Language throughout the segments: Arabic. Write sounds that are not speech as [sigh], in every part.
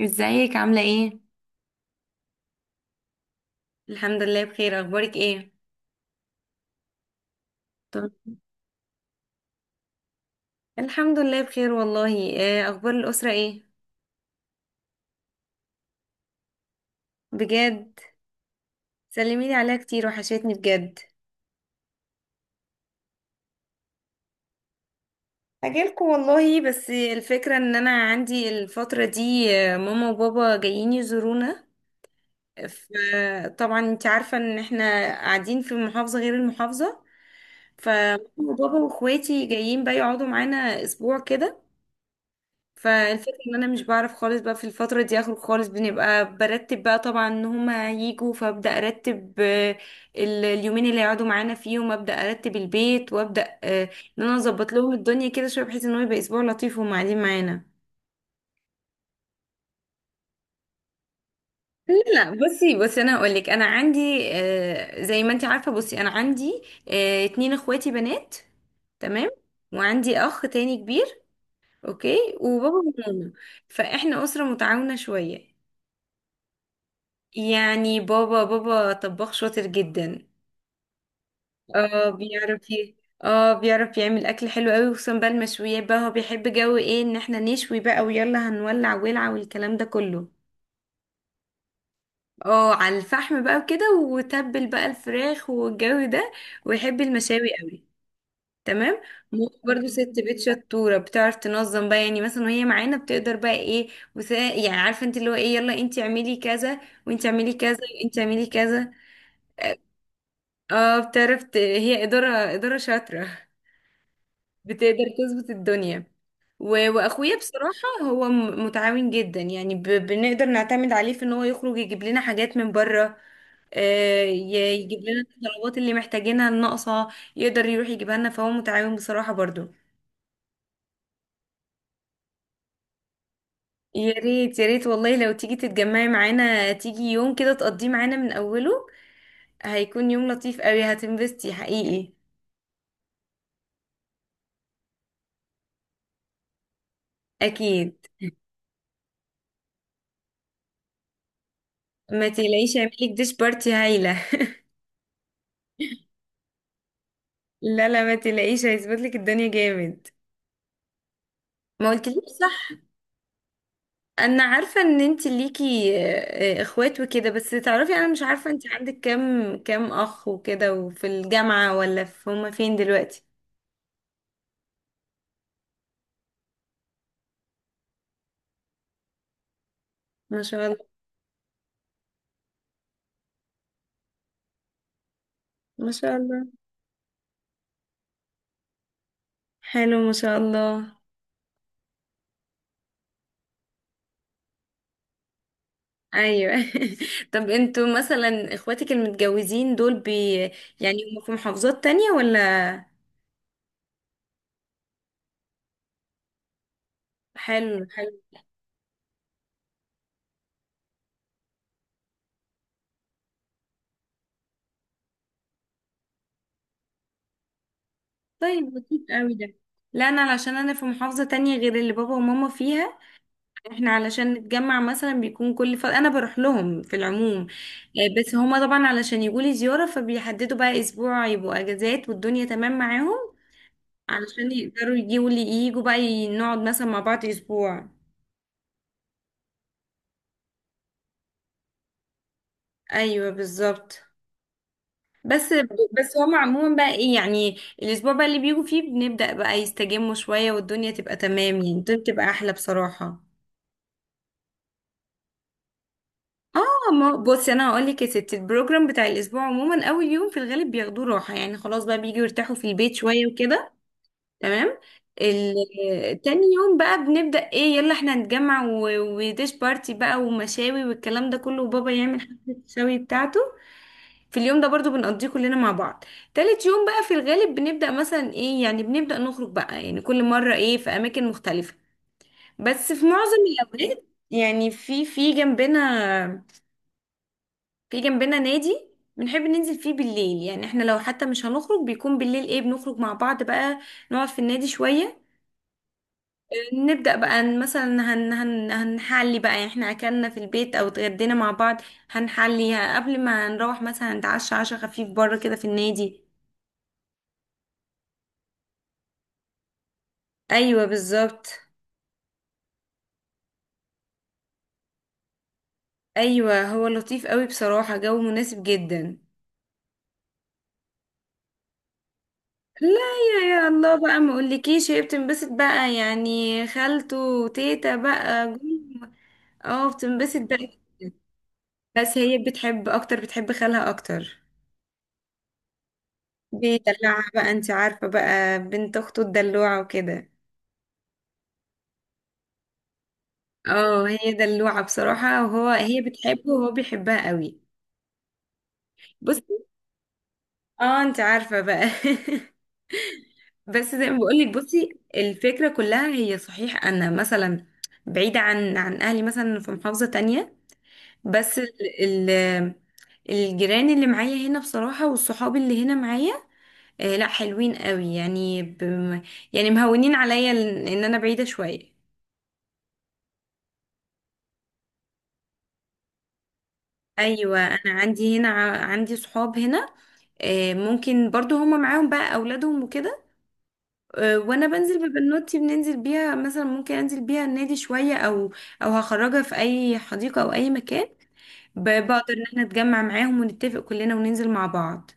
ازيك عاملة ايه؟ الحمد لله بخير، اخبارك ايه؟ طب- الحمد لله بخير والله. اخبار الاسره ايه؟ بجد؟ سلمي لي عليها كتير، وحشتني بجد. اجيلكم والله، بس الفكره ان انا عندي الفتره دي، ماما وبابا جايين يزورونا. فطبعا انت عارفه ان احنا قاعدين في محافظه غير المحافظه، فماما وبابا واخواتي جايين بقى يقعدوا معانا اسبوع كده. فالفكرة ان انا مش بعرف خالص بقى في الفترة دي اخرج خالص، بنبقى برتب بقى طبعا ان هما هيجوا، فابدأ ارتب. اليومين اللي هيقعدوا معانا فيهم ابدأ ارتب البيت وابدأ. ان انا اظبط لهم الدنيا كده شوية، بحيث ان هو يبقى اسبوع لطيف وهم قاعدين معانا. لا لا، بصي انا هقول لك، انا عندي، زي ما انت عارفة. بصي، انا عندي اتنين اخواتي بنات، تمام، وعندي اخ تاني كبير، اوكي، وبابا وماما. فاحنا اسرة متعاونة شوية. يعني بابا، بابا طباخ شاطر جدا. اه، بيعرف، اه، بيعرف يعمل اكل حلو قوي، وخصوصا بقى المشويات بقى، هو بيحب جو ايه ان احنا نشوي بقى، ويلا هنولع ولع، والكلام ده كله. اه، على الفحم بقى وكده، وتبل بقى الفراخ والجو ده، ويحب المشاوي قوي. تمام. ماما برضو ست بيت شطورة، بتعرف تنظم بقى، يعني مثلا وهي معانا بتقدر بقى ايه، وسا، يعني عارفه انت اللي هو ايه، يلا انت اعملي كذا، وانت اعملي كذا، وانت اعملي كذا. اه، بتعرف، هي إدارة، إدارة شاطرة، بتقدر تظبط الدنيا. وأخويا بصراحة، هو متعاون جدا، يعني بنقدر نعتمد عليه في إن هو يخرج يجيب لنا حاجات من بره. آه، ي- يجيب لنا الطلبات اللي محتاجينها الناقصة، يقدر يروح يجيبها لنا، فهو متعاون بصراحة برضو. يا ريت، يا ريت والله، لو تيجي تتجمعي معانا، تيجي يوم كده تقضيه معانا من أوله، هيكون يوم لطيف قوي، هتنبسطي حقيقي. أكيد. ما تقلقيش، هعملك ديش بارتي هايلة. لا لا، ما تلاقيش، هيظبط لك الدنيا جامد. ما قلتليش صح؟ انا عارفه ان انت ليكي اخوات وكده، بس تعرفي انا مش عارفه انت عندك كام، كام اخ وكده، وفي الجامعه ولا في، هما فين دلوقتي؟ ما شاء الله. ما شاء الله. حلو، ما شاء الله. ايوه [laughs] طب انتوا مثلا اخواتك المتجوزين دول بي، يعني هم في محافظات تانية ولا؟ حلو، حلو. طيب لطيف قوي ده. لا، انا علشان انا في محافظه تانية غير اللي بابا وماما فيها، احنا علشان نتجمع مثلا بيكون كل انا بروح لهم في العموم، بس هما طبعا علشان يجولي زيارة، فبيحددوا بقى اسبوع يبقوا اجازات والدنيا تمام معاهم، علشان يقدروا يجوا لي، يجوا بقى نقعد مثلا مع بعض اسبوع. ايوه، بالظبط. بس. بس هما عموما بقى ايه، يعني الاسبوع بقى اللي بيجوا فيه بنبدأ بقى يستجموا شوية، والدنيا تبقى تمام، يعني الدنيا بتبقى احلى بصراحة. اه ما بصي، انا هقول لك يا ستي، البروجرام بتاع الاسبوع عموما، اول يوم في الغالب بياخدوه راحه، يعني خلاص بقى بييجوا يرتاحوا في البيت شويه وكده. تمام. ال- تاني يوم بقى بنبدا ايه، يلا احنا نتجمع وديش بارتي بقى، ومشاوي والكلام ده كله، وبابا يعمل حفله الشوي بتاعته. في اليوم ده برضو بنقضيه كلنا مع بعض. تالت يوم بقى في الغالب بنبدأ مثلا ايه، يعني بنبدأ نخرج بقى، يعني كل مرة ايه في أماكن مختلفة، بس في معظم الأوقات، يعني في جنبنا، في جنبنا نادي بنحب ننزل فيه بالليل، يعني احنا لو حتى مش هنخرج بيكون بالليل ايه، بنخرج مع بعض بقى، نقعد في النادي شوية، نبدأ بقى مثلا هن هن هنحلي بقى، يعني احنا اكلنا في البيت او اتغدينا مع بعض، هنحلي قبل ما نروح مثلا نتعشى عشاء خفيف بره كده في النادي. ايوه، بالظبط. ايوه، هو لطيف قوي بصراحة، جو مناسب جدا. لا، يا الله بقى، ما اقولكيش، هي بتنبسط بقى، يعني خالته وتيتا بقى جم. اه، بتنبسط بقى. بس هي بتحب اكتر، بتحب خالها اكتر. بيدلعها بقى، انت عارفة بقى، بنت اخته الدلوعة وكده. اه، هي دلوعة بصراحة، هي بتحبه وهو بيحبها قوي. بصي. اه، انت عارفة بقى [laughs] بس زي ما بقولك، بصي الفكرة كلها، هي صحيح انا مثلا بعيدة عن اهلي، مثلا في محافظة تانية، بس الجيران اللي معايا هنا بصراحة، والصحاب اللي هنا معايا، لا حلوين قوي، يعني يعني مهونين عليا ان انا بعيدة شوية. ايوه، انا عندي هنا عندي صحاب هنا. ممكن برضو هما معاهم بقى اولادهم وكده. وانا بنزل ببنوتي، بننزل بيها مثلا، ممكن انزل بيها النادي شوية، او او هخرجها في اي حديقة او اي مكان. بقدر ان احنا نتجمع معاهم ونتفق كلنا وننزل مع بعض.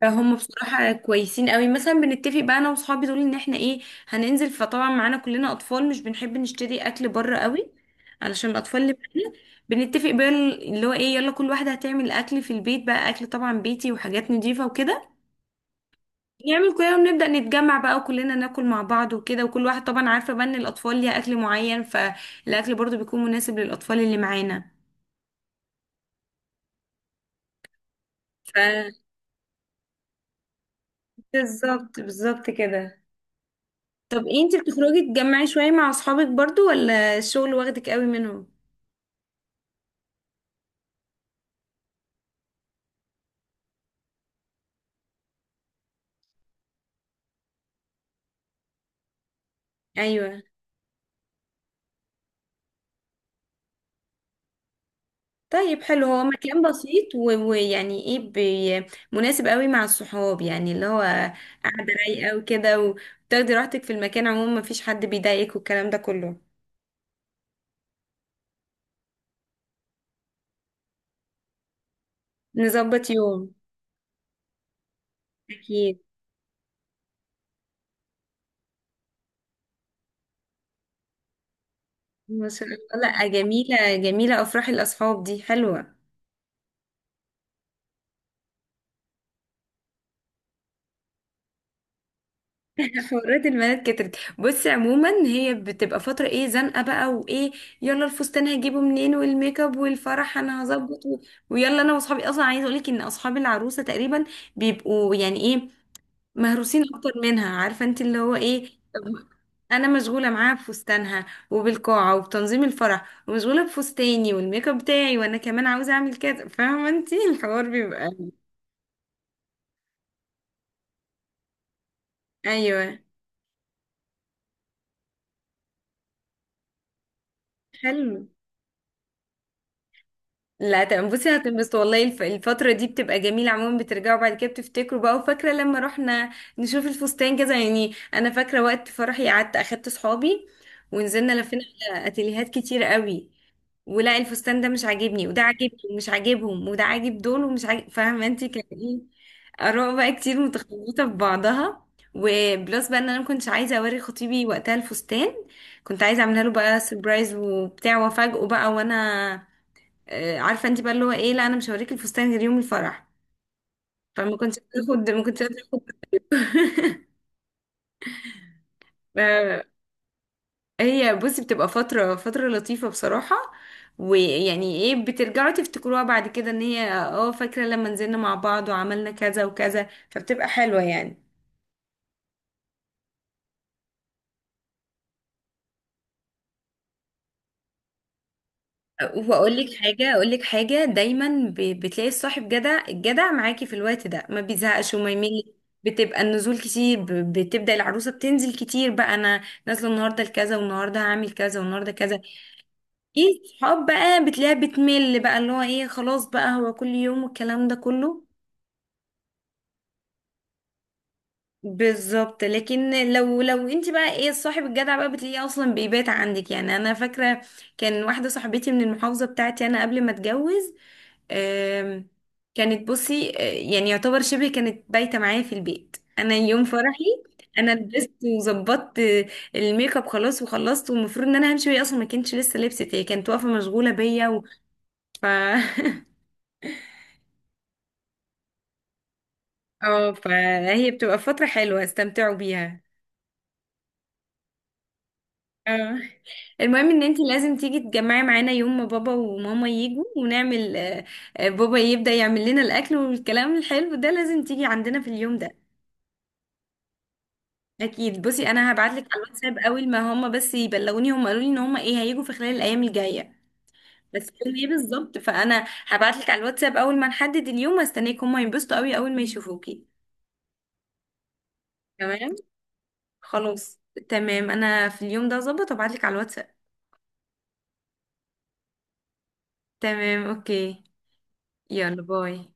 فهم بصراحة كويسين قوي، مثلا بنتفق بقى انا وصحابي دول ان احنا ايه، هننزل، فطبعا معانا كلنا اطفال، مش بنحب نشتري اكل بره قوي علشان الاطفال اللي، بنتفق بقى اللي هو ايه، يلا كل واحدة هتعمل اكل في البيت بقى، اكل طبعا بيتي وحاجات نضيفة وكده، نعمل كده ونبدأ نتجمع بقى، وكلنا ناكل مع بعض وكده، وكل واحد طبعا عارفة بقى ان الاطفال ليها اكل معين، فالاكل برضو بيكون مناسب للأطفال اللي معانا. ف بالظبط، بالظبط كده. طب إيه، انتي بتخرجي تجمعي شوية مع اصحابك برضو ولا الشغل واخدك قوي منهم؟ ايوه. طيب حلو، هو مكان بسيط ويعني ايه مناسب قوي مع الصحاب، يعني اللي هو قاعدة رايقة وكده، وتاخدي راحتك في المكان، عموما مفيش حد بيضايقك، والكلام ده كله. نظبط يوم. أكيد. ما شاء الله. لأ، جميلة جميلة أفراح الأصحاب دي، حلوة. حوارات البنات كترت. بصي عموما هي بتبقى فترة ايه، زنقة بقى وايه، يلا الفستان هجيبه منين، والميك اب، والفرح انا هظبط. ويلا انا واصحابي، اصلا عايزة اقولك ان اصحاب العروسة تقريبا بيبقوا يعني ايه، مهروسين اكتر منها، عارفة انت اللي هو ايه. طب، انا مشغولة معاها بفستانها، وبالقاعة، وبتنظيم الفرح، ومشغولة بفستاني والميك اب بتاعي، وانا كمان عاوزة اعمل كذا، فاهمة انت الحوار بيبقى. ايوه. حلو. لا، تمام، بصي هتنبسط والله. الفترة دي بتبقى جميلة عموما، بترجعوا بعد كده بتفتكروا بقى، وفاكرة لما رحنا نشوف الفستان كذا، يعني أنا فاكرة وقت فرحي، قعدت أخدت صحابي ونزلنا لفينا على أتيليهات كتير قوي، ولا الفستان ده مش عاجبني، وده عاجبني ومش عاجبهم، وده عاجب دول ومش عاجب، فاهمة انتي كان ايه، آراء بقى كتير متخلطة في بعضها. وبلس بقى ان انا ما كنتش عايزة اوري خطيبي وقتها الفستان، كنت عايزة اعملها له بقى سربرايز وبتاع، وافاجئه بقى، وانا عارفه انت بقى اللي هو ايه، لا انا مش هوريك الفستان غير يوم الفرح، فما كنتش باخد ما كنتش باخد آه، هي بصي بتبقى فتره، فتره لطيفه بصراحه، ويعني ايه بترجعوا تفتكروها بعد كده، ان هي اه فاكره لما نزلنا مع بعض وعملنا كذا وكذا، فبتبقى حلوه يعني. واقول لك حاجه اقول لك حاجه، دايما بتلاقي الصاحب جدع، الجدع معاكي في الوقت ده، ما بيزهقش وما يمل، بتبقى النزول كتير، بتبدأ العروسة بتنزل كتير بقى، انا نازله النهارده لكذا، والنهارده هعمل كذا، والنهارده كذا، ايه الصحاب بقى بتلاقيها بتمل بقى، اللي هو ايه، خلاص بقى هو كل يوم والكلام ده كله. بالظبط، لكن لو، انت بقى ايه، الصاحب الجدع بقى بتلاقيه اصلا بيبات عندك، يعني انا فاكره كان واحده صاحبتي من المحافظه بتاعتي انا قبل ما اتجوز، آم، كانت بصي، يعني يعتبر شبه كانت بايته معايا في البيت انا يوم فرحي، انا لبست وظبطت الميك اب، خلاص وخلصت، والمفروض ان انا همشي، وهي اصلا ما كانتش لسه لبست، هي كانت واقفه مشغوله بيا ف [laughs] اه، فهي بتبقى فترة حلوة، استمتعوا بيها. اه، المهم ان انتي لازم تيجي تجمعي معانا يوم ما بابا وماما يجوا، ونعمل بابا يبدأ يعمل لنا الاكل والكلام الحلو ده، لازم تيجي عندنا في اليوم ده. اكيد. بصي انا هبعتلك على الواتساب اول ما هما بس يبلغوني، هما قالوا لي ان هما ايه هيجوا في خلال الايام الجايه، بس يوم ايه بالظبط، فانا هبعتلك على الواتساب اول ما نحدد اليوم واستناك، هما ينبسطوا قوي اول ما يشوفوكي. تمام. خلاص. تمام، انا في اليوم ده ظبط وابعتلك على الواتساب. تمام، اوكي، يلا باي.